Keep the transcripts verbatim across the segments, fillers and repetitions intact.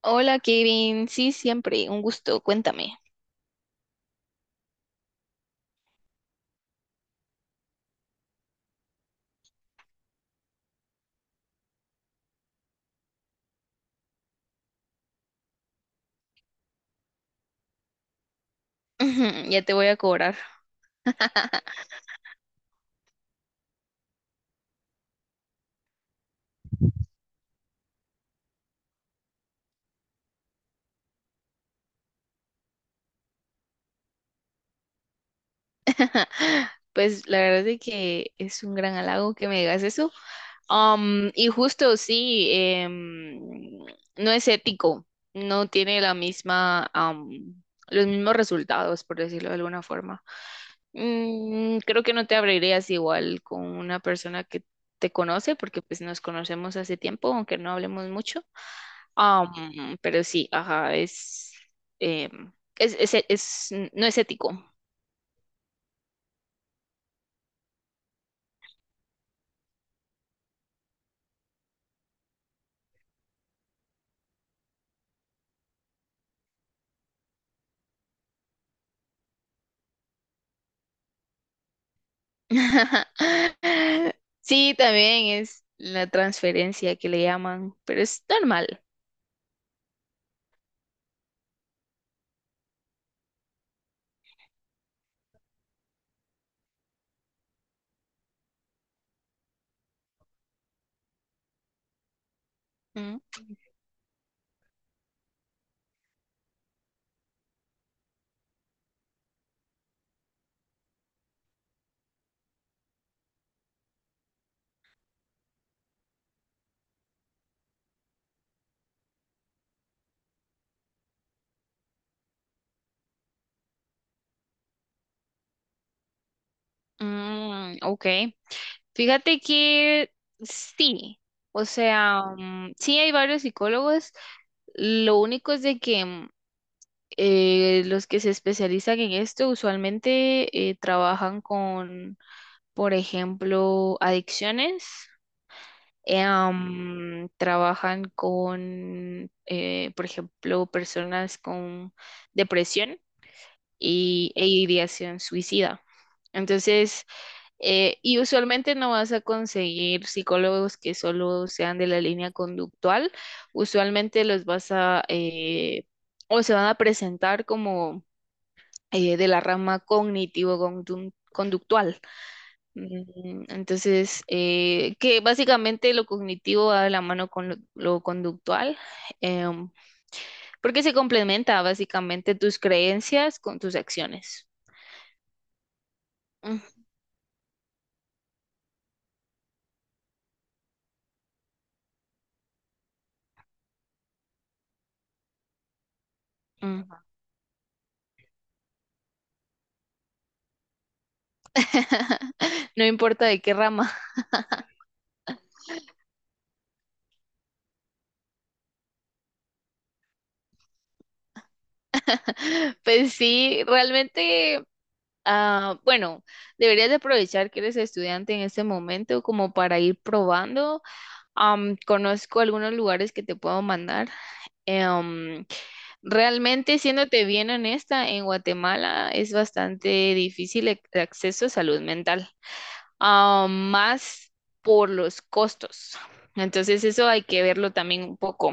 Hola Kevin, sí, siempre, un gusto, cuéntame. Ujú, ya te voy a cobrar. Pues la verdad es de que es un gran halago que me digas eso. Am, y justo sí, em, no es ético, no tiene la misma, am, los mismos resultados, por decirlo de alguna forma. Mm, creo que no te abrirías igual con una persona que te conoce, porque pues nos conocemos hace tiempo, aunque no hablemos mucho. Am, pero sí, ajá, es, em, es, es, es- no es ético. Sí, también es la transferencia que le llaman, pero es normal. Mm, mm, ok. Fíjate que sí, o sea, mm, sí hay varios psicólogos. Lo único es de que mm, eh, los que se especializan en esto usualmente eh, trabajan con, por ejemplo, adicciones. Eh, Trabajan con, eh, por ejemplo, personas con depresión y, e ideación suicida. Entonces, eh, y usualmente no vas a conseguir psicólogos que solo sean de la línea conductual. Usualmente los vas a, eh, o se van a presentar como eh, de la rama cognitivo-conductual. Mm, Entonces, eh, que básicamente lo cognitivo va de la mano con lo, lo conductual, em, porque se complementa básicamente tus creencias con tus acciones. Mm, mm. No importa de qué rama. Pues sí, realmente, ah, bueno, deberías de aprovechar que eres estudiante en este momento como para ir probando. Am, conozco algunos lugares que te puedo mandar. Em, Realmente, siéndote bien honesta, en Guatemala es bastante difícil e- el acceso a salud mental, ah, más por los costos. Entonces, eso hay que verlo también un poco.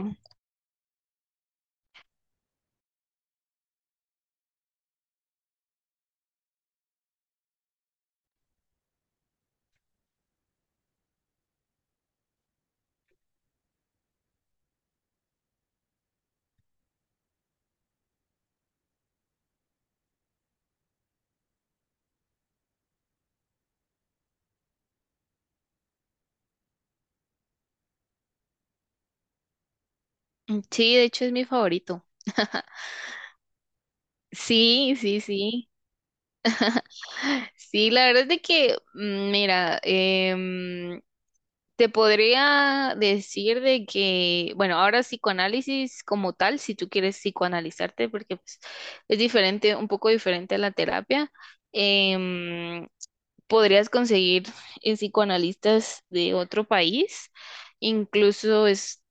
Sí, de hecho es mi favorito. Sí, sí, sí. Sí, la verdad es de que, mm, mira, em, te podría decir de que, bueno, ahora psicoanálisis como tal, si tú quieres psicoanalizarte, porque pues, es diferente, un poco diferente a la terapia, em, podrías conseguir eh, psicoanalistas de otro país, incluso es,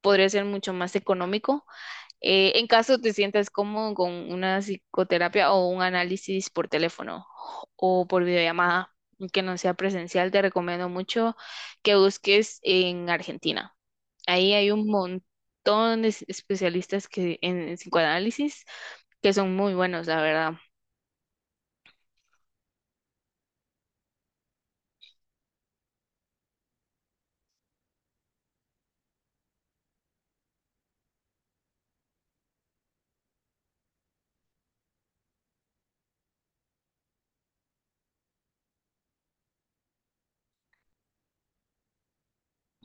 podría ser mucho más económico eh, en caso te sientas cómodo con una psicoterapia o un análisis por teléfono o por videollamada, que no sea presencial, te recomiendo mucho que busques en Argentina. Ahí hay un montón de es- especialistas que, en, en psicoanálisis que son muy buenos, la verdad.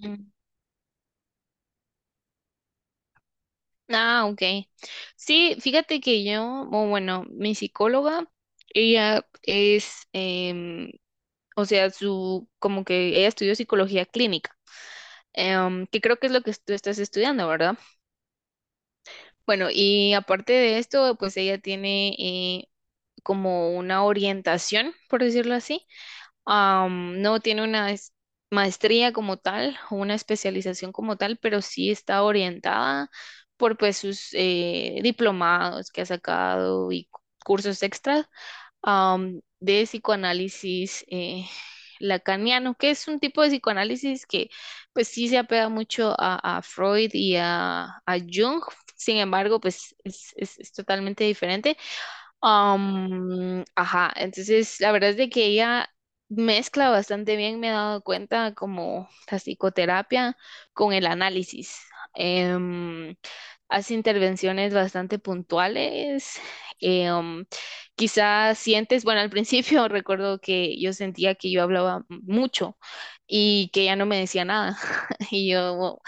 Mm. Ah, ok. Sí, fíjate que yo, o bueno, mi psicóloga, ella es, em, o sea, su, como que ella estudió psicología clínica. Em, que creo que es lo que tú estás estudiando, ¿verdad? Bueno, y aparte de esto, pues ella tiene eh, como una orientación, por decirlo así. Am, no tiene una es- maestría como tal o una especialización como tal, pero sí está orientada por pues sus eh, diplomados que ha sacado y cu- cursos extras, am, de psicoanálisis eh, lacaniano, que es un tipo de psicoanálisis que pues sí se apega mucho a, a Freud y a, a Jung, sin embargo, pues es, es- es totalmente diferente. Am, ajá, entonces la verdad es de que ella mezcla bastante bien, me he dado cuenta, como la psicoterapia con el análisis. Em, Hace intervenciones bastante puntuales. eh, um, quizás sientes, bueno, al principio recuerdo que yo sentía que yo hablaba mucho y que ella no me decía nada. Y yo, wow,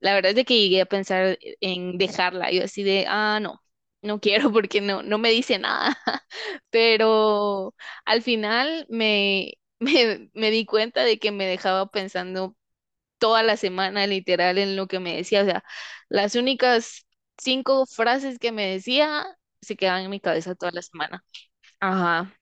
la verdad es de que llegué a pensar en dejarla. Yo así de, ah, no, no quiero porque no, no me dice nada. Pero al final me, me, me di cuenta de que me dejaba pensando toda la semana, literal, en lo que me decía. O sea, las únicas cinco frases que me decía se quedaban en mi cabeza toda la semana. Ajá.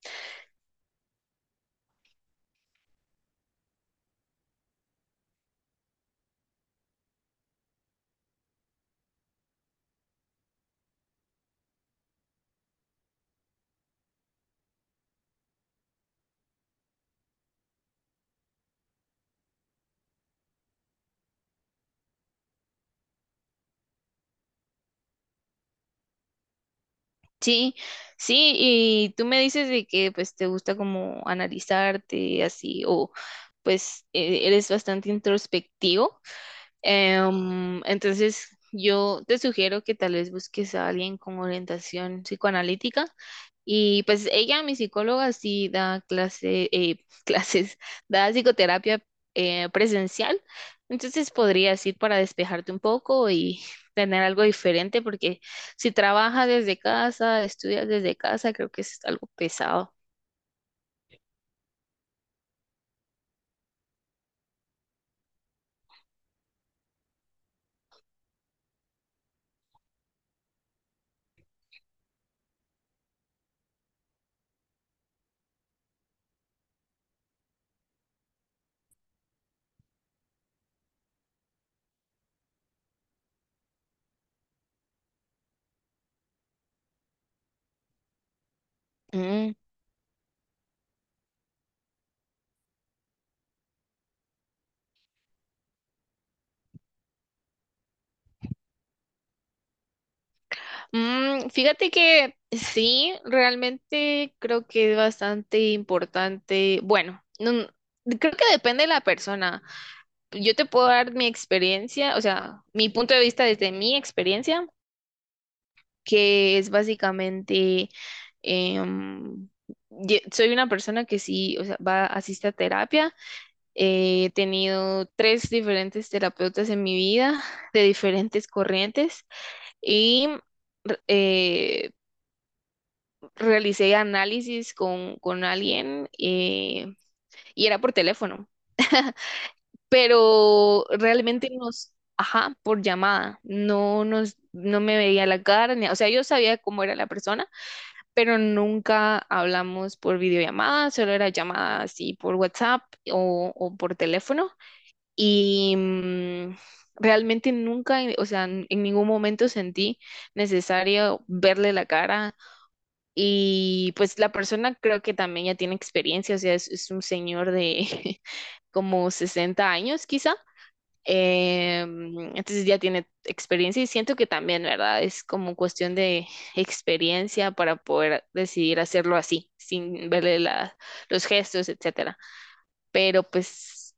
Sí, sí, y tú me dices de que pues te gusta como analizarte así, o pues e- eres bastante introspectivo. Em, entonces, yo te sugiero que tal vez busques a alguien con orientación psicoanalítica. Y pues ella, mi psicóloga, sí da clase, eh, clases, da psicoterapia eh, presencial. Entonces podrías ir para despejarte un poco y tener algo diferente, porque si trabajas desde casa, estudias desde casa, creo que es algo pesado. Mm. Mm, fíjate que sí, realmente creo que es bastante importante. Bueno, no- creo que depende de la persona. Yo te puedo dar mi experiencia, o sea, mi punto de vista desde mi experiencia, que es básicamente, em, ye- soy una persona que sí, o sea, va, asiste a terapia. He tenido tres diferentes terapeutas en mi vida, de diferentes corrientes, y re- eh, realicé análisis con, con alguien eh, y era por teléfono. Pero realmente nos, ajá, por llamada, no nos, no me veía la cara, ni- o sea, yo sabía cómo era la persona, pero nunca hablamos por videollamada, solo era llamada así por WhatsApp o, o por teléfono y mm, realmente nunca, o sea, en en ningún momento sentí necesario verle la cara. Y pues la persona creo que también ya tiene experiencia, o sea, es, es un señor de como sesenta años quizá. Em, entonces ya tiene experiencia y siento que también, ¿verdad? Es como cuestión de experiencia para poder decidir hacerlo así, sin verle la- los gestos, etcétera. Pero pues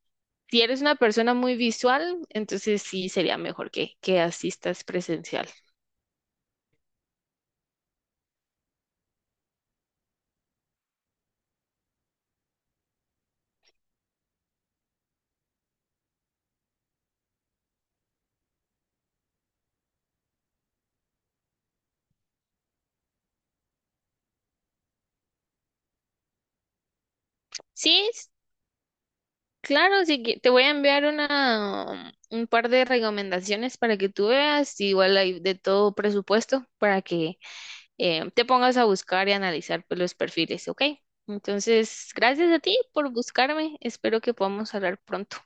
si eres una persona muy visual, entonces sí sería mejor que, que asistas presencial. Sí, claro, sí que te voy a enviar una, un par de recomendaciones para que tú veas. Igual hay de todo presupuesto para que eh, te pongas a buscar y analizar pues, los perfiles, ¿ok? Entonces, gracias a ti por buscarme. Espero que podamos hablar pronto.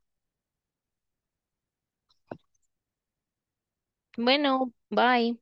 Bueno, bye.